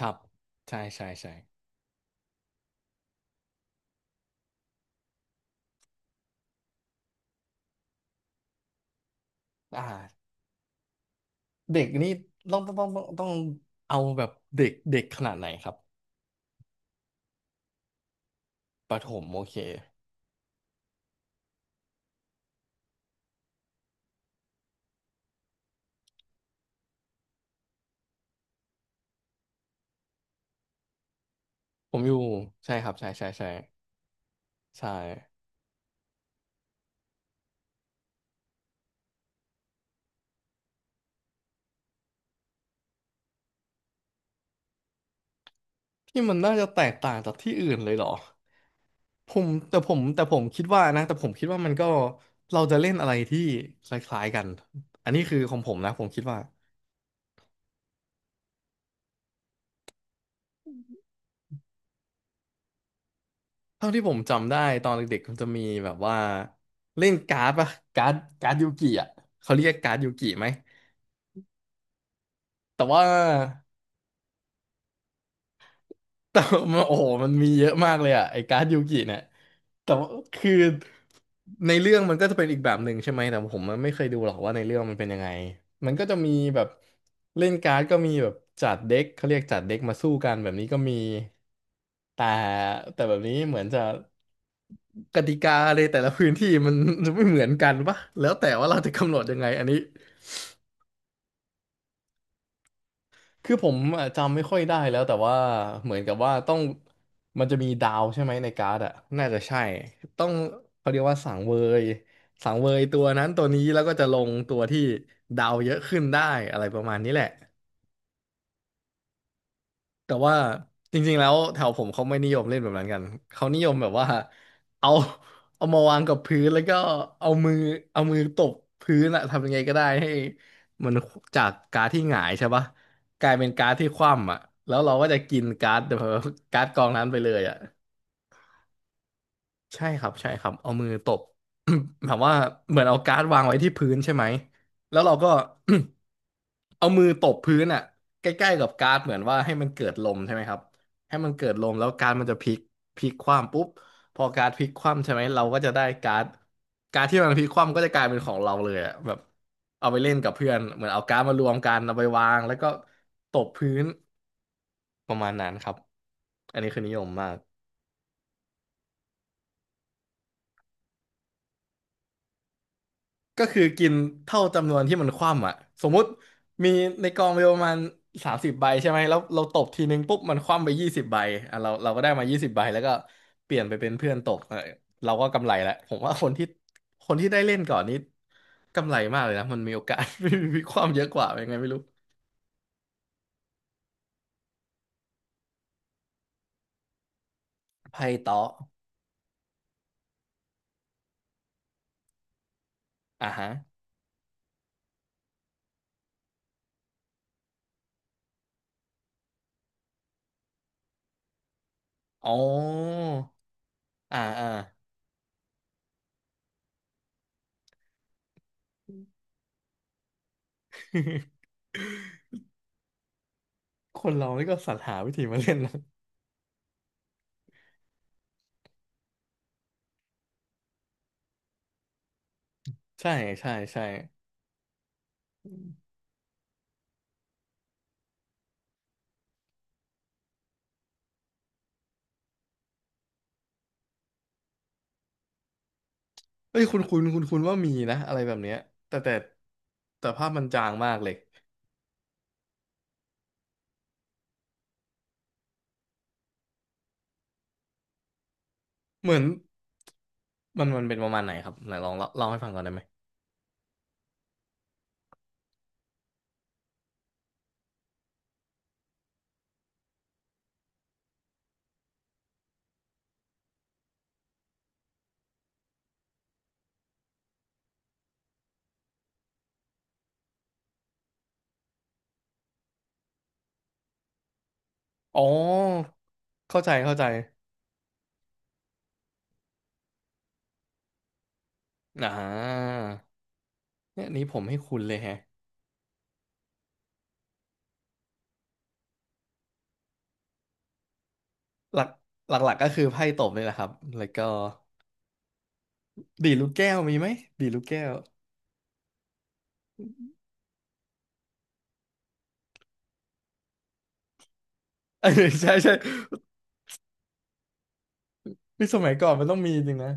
ครับใช่ใช่ใช่อ่าเด็กนี่ต้องเอาแบบเด็กเด็กขนาดไหนครับประถมโอเคผมอยู่ใช่ครับใช่ใช่ใช่ใช่ที่มันน่าจะแตกต่างจากที่อื่นเลยเหรอผมแต่ผมคิดว่านะแต่ผมคิดว่ามันก็เราจะเล่นอะไรที่คล้ายๆกันอันนี้คือของผมนะผมคิดว่าเท่าที่ผมจำได้ตอนเด็กๆมันจะมีแบบว่าเล่นการ์ดปะการ์ดการ์ดยูกิอ่ะเขาเรียกการ์ดยูกิไหมแต่ว่า แต่มันโอ้โหมันมีเยอะมากเลยอ่ะไอ้การ์ดยูกิเนี่ยแต่ว่าคือในเรื่องมันก็จะเป็นอีกแบบหนึ่งใช่ไหมแต่ผมไม่เคยดูหรอกว่าในเรื่องมันเป็นยังไงมันก็จะมีแบบเล่นการ์ดก็มีแบบจัดเด็กเขาเรียกจัดเด็กมาสู้กันแบบนี้ก็มีแต่แต่แบบนี้เหมือนจะกติกาในแต่ละพื้นที่มัน จะไม่เหมือนกันปะแล้วแต่ว่าเราจะกำหนดยังไงอันนี้ คือผมอะจำไม่ค่อยได้แล้วแต่ว่าเหมือนกับว่าต้องมันจะมีดาวใช่ไหมในการ์ดอะน่าจะใช่ต้องเขาเรียกว่ายสังเวยตัวนั้นตัวนี้แล้วก็จะลงตัวที่ดาวเยอะขึ้นได้อะไรประมาณนี้แหละ แต่ว่าจริงๆแล้วแถวผมเขาไม่นิยมเล่นแบบนั้นกันเขานิยมแบบว่าเอา เอามาวางกับพื้นแล้วก็เอามือเอามือตบพื้นอะทำยังไงก็ได้ให้มันจากการ์ดที่หงายใช่ปะกลายเป็นการ์ดที่คว่ำอะแล้วเราก็จะกินการ์ดกองนั้นไปเลยอะ ใช่ครับใช่ครับเอามือตบ แบบว่าเหมือนเอาการ์ดวางไว้ที่พื้นใช่ไหมแล้วเราก็ เอามือตบพื้นอ่ะใกล้ๆกับการ์ดเหมือนว่าให้มันเกิดลมใช่ไหมครับให้มันเกิดลมแล้วการ์ดมันจะพลิกคว่ำปุ๊บพอการ์ดพลิกคว่ำใช่ไหมเราก็จะได้การ์ดที่มันพลิกคว่ำก็จะกลายเป็นของเราเลยอ่ะแบบเอาไปเล่นกับเพื่อนเหมือนเอาการ์ดมารวมกันเอาไปวางแล้วก็ตบพื้นประมาณนั้นครับอันนี้คือนิยมมาก ก็คือกินเท่าจำนวนที่มันคว่ำอ่ะสมมุติมีในกองมีประมาณ30 ใบใช่ไหมแล้วเราตบทีนึงปุ๊บมันคว่ำไปยี่สิบใบอ่ะเราก็ได้มายี่สิบใบแล้วก็เปลี่ยนไปเป็นเพื่อนตบเออเราก็กำไรแหละผมว่าคนที่ได้เล่นก่อนนี้กำไรมากเลยนะมันมีโอกาส มีความเยอะกว่ายังไงไม่รู้ไพ่เตาะอ่าฮะอ๋ออ่าอ่า คนเรานี่ก็สรรหาวิธีมาเล่นนะใช่ใช่ใช่ เอ้ยคุณว่ามีนะอะไรแบบเนี้ยแต่แต่แต่ภาพมันจางมากเลยเหมือนมันเป็นประมาณไหนครับไหนลองเล่าให้ฟังก่อนได้ไหมอ๋อเข้าใจเข้าใจอ่าเนี่ยนี้ผมให้คุณเลยแฮะหลักหลักก็คือไพ่ตบนี่แหละครับแล้วก็ดีดลูกแก้วมีไหมดีดลูกแก้วเออใช่ใช่นี่สมัยก่อนมันต้องมีจริงนะ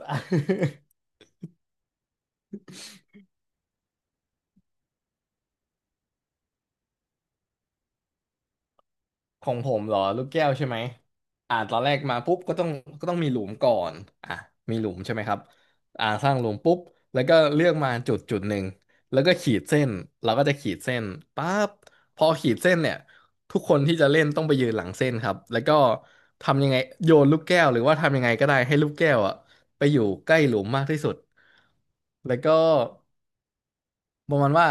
ของผมเหรอลูกแก้วใช่ไหมอ่าตอนแรกมาปุ๊บก็ต้องมีหลุมก่อนอ่ะมีหลุมใช่ไหมครับอ่าสร้างหลุมปุ๊บแล้วก็เลือกมาจุดจุดหนึ่งแล้วก็ขีดเส้นเราก็จะขีดเส้นปั๊บพอขีดเส้นเนี่ยทุกคนที่จะเล่นต้องไปยืนหลังเส้นครับแล้วก็ทำยังไงโยนลูกแก้วหรือว่าทำยังไงก็ได้ให้ลูกแก้วอ่ะไปอยู่ใกล้หลุมมากที่สุดแล้วก็ประมาณว่า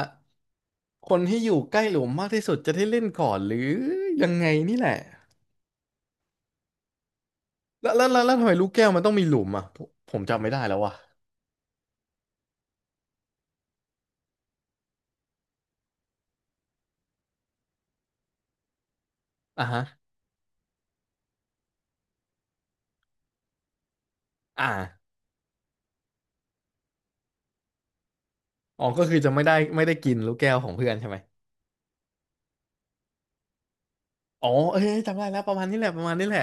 คนที่อยู่ใกล้หลุมมากที่สุดจะได้เล่นก่อนหรือยังไงนี่แหละ แล้วทำไมลูกแก้วมันต้องมีหลุมอ่ะผมจำไม่ได้แล้วว่ะอ่ะฮะอ่าอ๋อก็คือจะไม่ได้กินลูกแก้วของเพื่อนใช่ไหมอ๋อเอ้ยจำได้แล้วประมาณนี้แหละประมาณนี้แหละ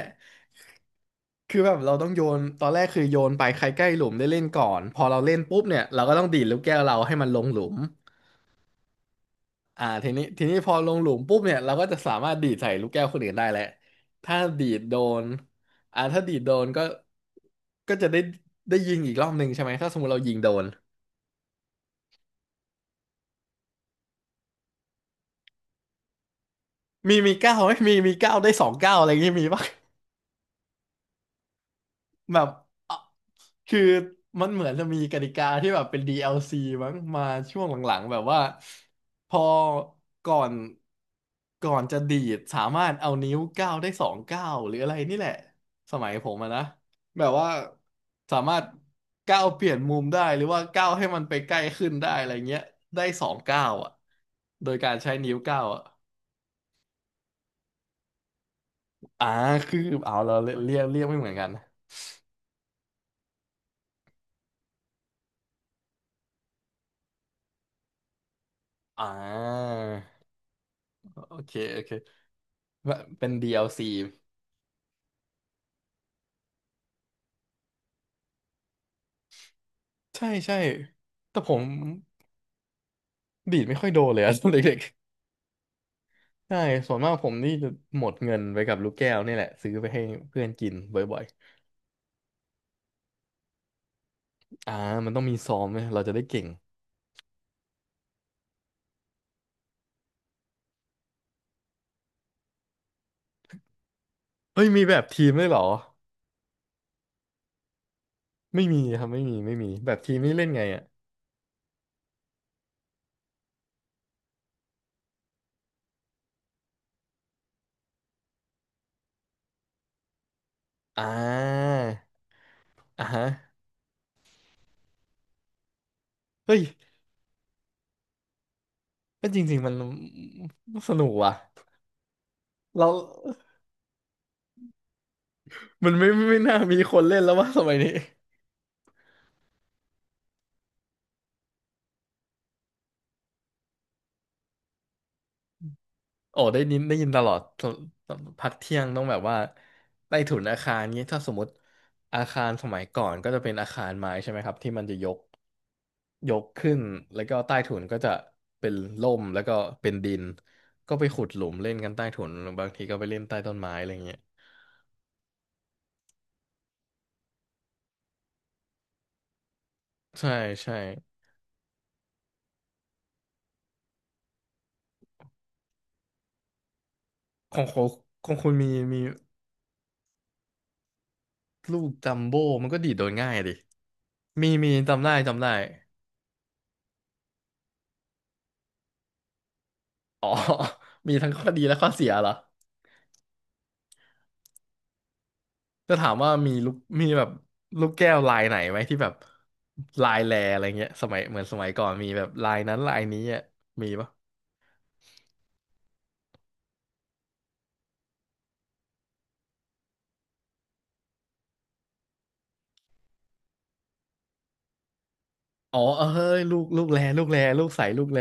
คือแบบเราต้องโยนตอนแรกคือโยนไปใครใกล้หลุมได้เล่นก่อนพอเราเล่นปุ๊บเนี่ยเราก็ต้องดีดลูกแก้วเราให้มันลงหลุมอ่าทีนี้พอลงหลุมปุ๊บเนี่ยเราก็จะสามารถดีดใส่ลูกแก้วคนอื่นได้แหละถ้าดีดโดนถ้าดีดโดนก็จะได้ยิงอีกรอบหนึ่งใช่ไหมถ้าสมมติเรายิงโดน มีมีเก้าไหมมีมีเก้าได้สองเก้าอะไรอย่างงี้มีปะแบบอ่ะคือมันเหมือนจะมีกติกาที่แบบเป็น DLC มั้งมาช่วงหลังๆแบบว่าพอก่อนก่อนจะดีดสามารถเอานิ้วเก้าได้สองเก้าหรืออะไรนี่แหละสมัยผมอะนะแบบว่าสามารถก้าวเปลี่ยนมุมได้หรือว่าก้าวให้มันไปใกล้ขึ้นได้อะไรเงี้ยได้สองก้าวอ่ะโดยการใช้นิ้วก้าวอ่ะอ่าคือเอาเราเรียกไม่เหมือนกัน อ่าโอเคโอเคแบบเป็น DLC ใช่ใช่แต่ผมดีดไม่ค่อยโดนเลยอะ ตอนเด็กๆใช่ส่วนมากผมนี่จะหมดเงินไปกับลูกแก้วนี่แหละซื้อไปให้เพื่อนกินบ่อยๆอ่ามันต้องมีซ้อมไหมเราจะได้เก่งเฮ้ยมีแบบทีมด้วยเหรอไม่มีครับไม่มีไม่มีแบบทีมนี่เล่นไงอ่ะอ่าอ่าฮะเฮ้ยก็จริงๆมันสนุกว่ะเรามันไม่น่ามีคนเล่นแล้วว่าสมัยนี้ โอ้ได้ยินได้ยินตลอดตตพักเที่ยงต้องแบบว่าใต้ถุนอาคารเงี้ยถ้าสมมติอาคารสมัยก่อนก็จะเป็นอาคารไม้ใช่ไหมครับที่มันจะยกยกขึ้นแล้วก็ใต้ถุนก็จะเป็นร่มแล้วก็เป็นดินก็ไปขุดหลุมเล่นกันใต้ถุนบางทีก็ไปเล่นใต้ต้นไม้อะไรเงี้ยใช่ใช่ของของคุณมีมีลูกจัมโบ้มันก็ดีดโดนง่ายดิมีมีจำได้จำได้อ๋อ มีทั้งข้อดีและข้อเสียเหรอ จะถามว่ามีลูกมีแบบลูกแก้วลายไหนไหมที่แบบลายแลอะไรเงี้ยสมัยเหมือนสมัยก่อนมีแบบลายนั้นลายนี้อ่ะมีปะอ๋อเออเฮ้ยลูกลูกแลลูกใสลูกแล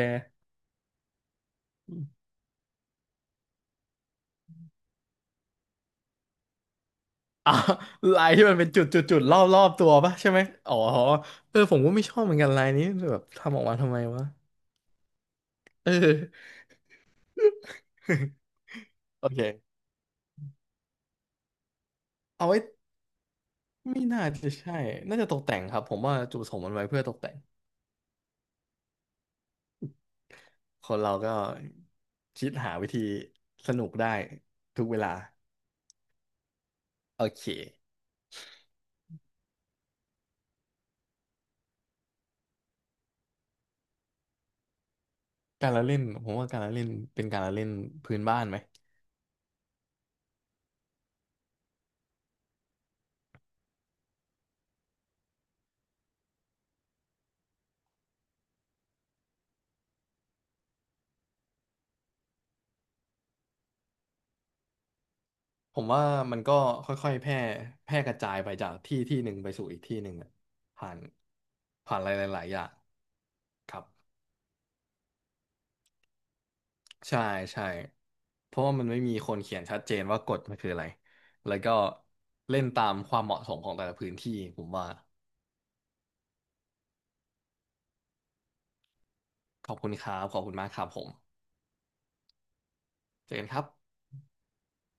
อ่ะลายที่มันเป็นจุดจุดจุดรอบตัวปะใช่ไหมอ๋อเออผมก็ไม่ชอบเหมือนกันลายนี้แบบทำออกมาทำไมวะเออ โอเคเอาไว้ไม่น่าจะใช่น่าจะตกแต่งครับผมว่าจุดประสงค์มันไว้เพื่อตกแต่งคนเราก็คิดหาวิธีสนุกได้ทุกเวลา โอเคการละเล่นผมว่าการละเล่นเป็นการละเล่นพื้นบ้านไหมผมว่ามันก็ค่อยๆแพร่กระจายไปจากที่ที่หนึ่งไปสู่อีกที่หนึ่งอะผ่านผ่านอะไรหลายๆอย่างครับใช่ใช่เพราะว่ามันไม่มีคนเขียนชัดเจนว่ากฎมันคืออะไรแล้วก็เล่นตามความเหมาะสมของแต่ละพื้นที่ผมว่าขอบคุณครับขอบคุณมากครับผมเจอกันครับ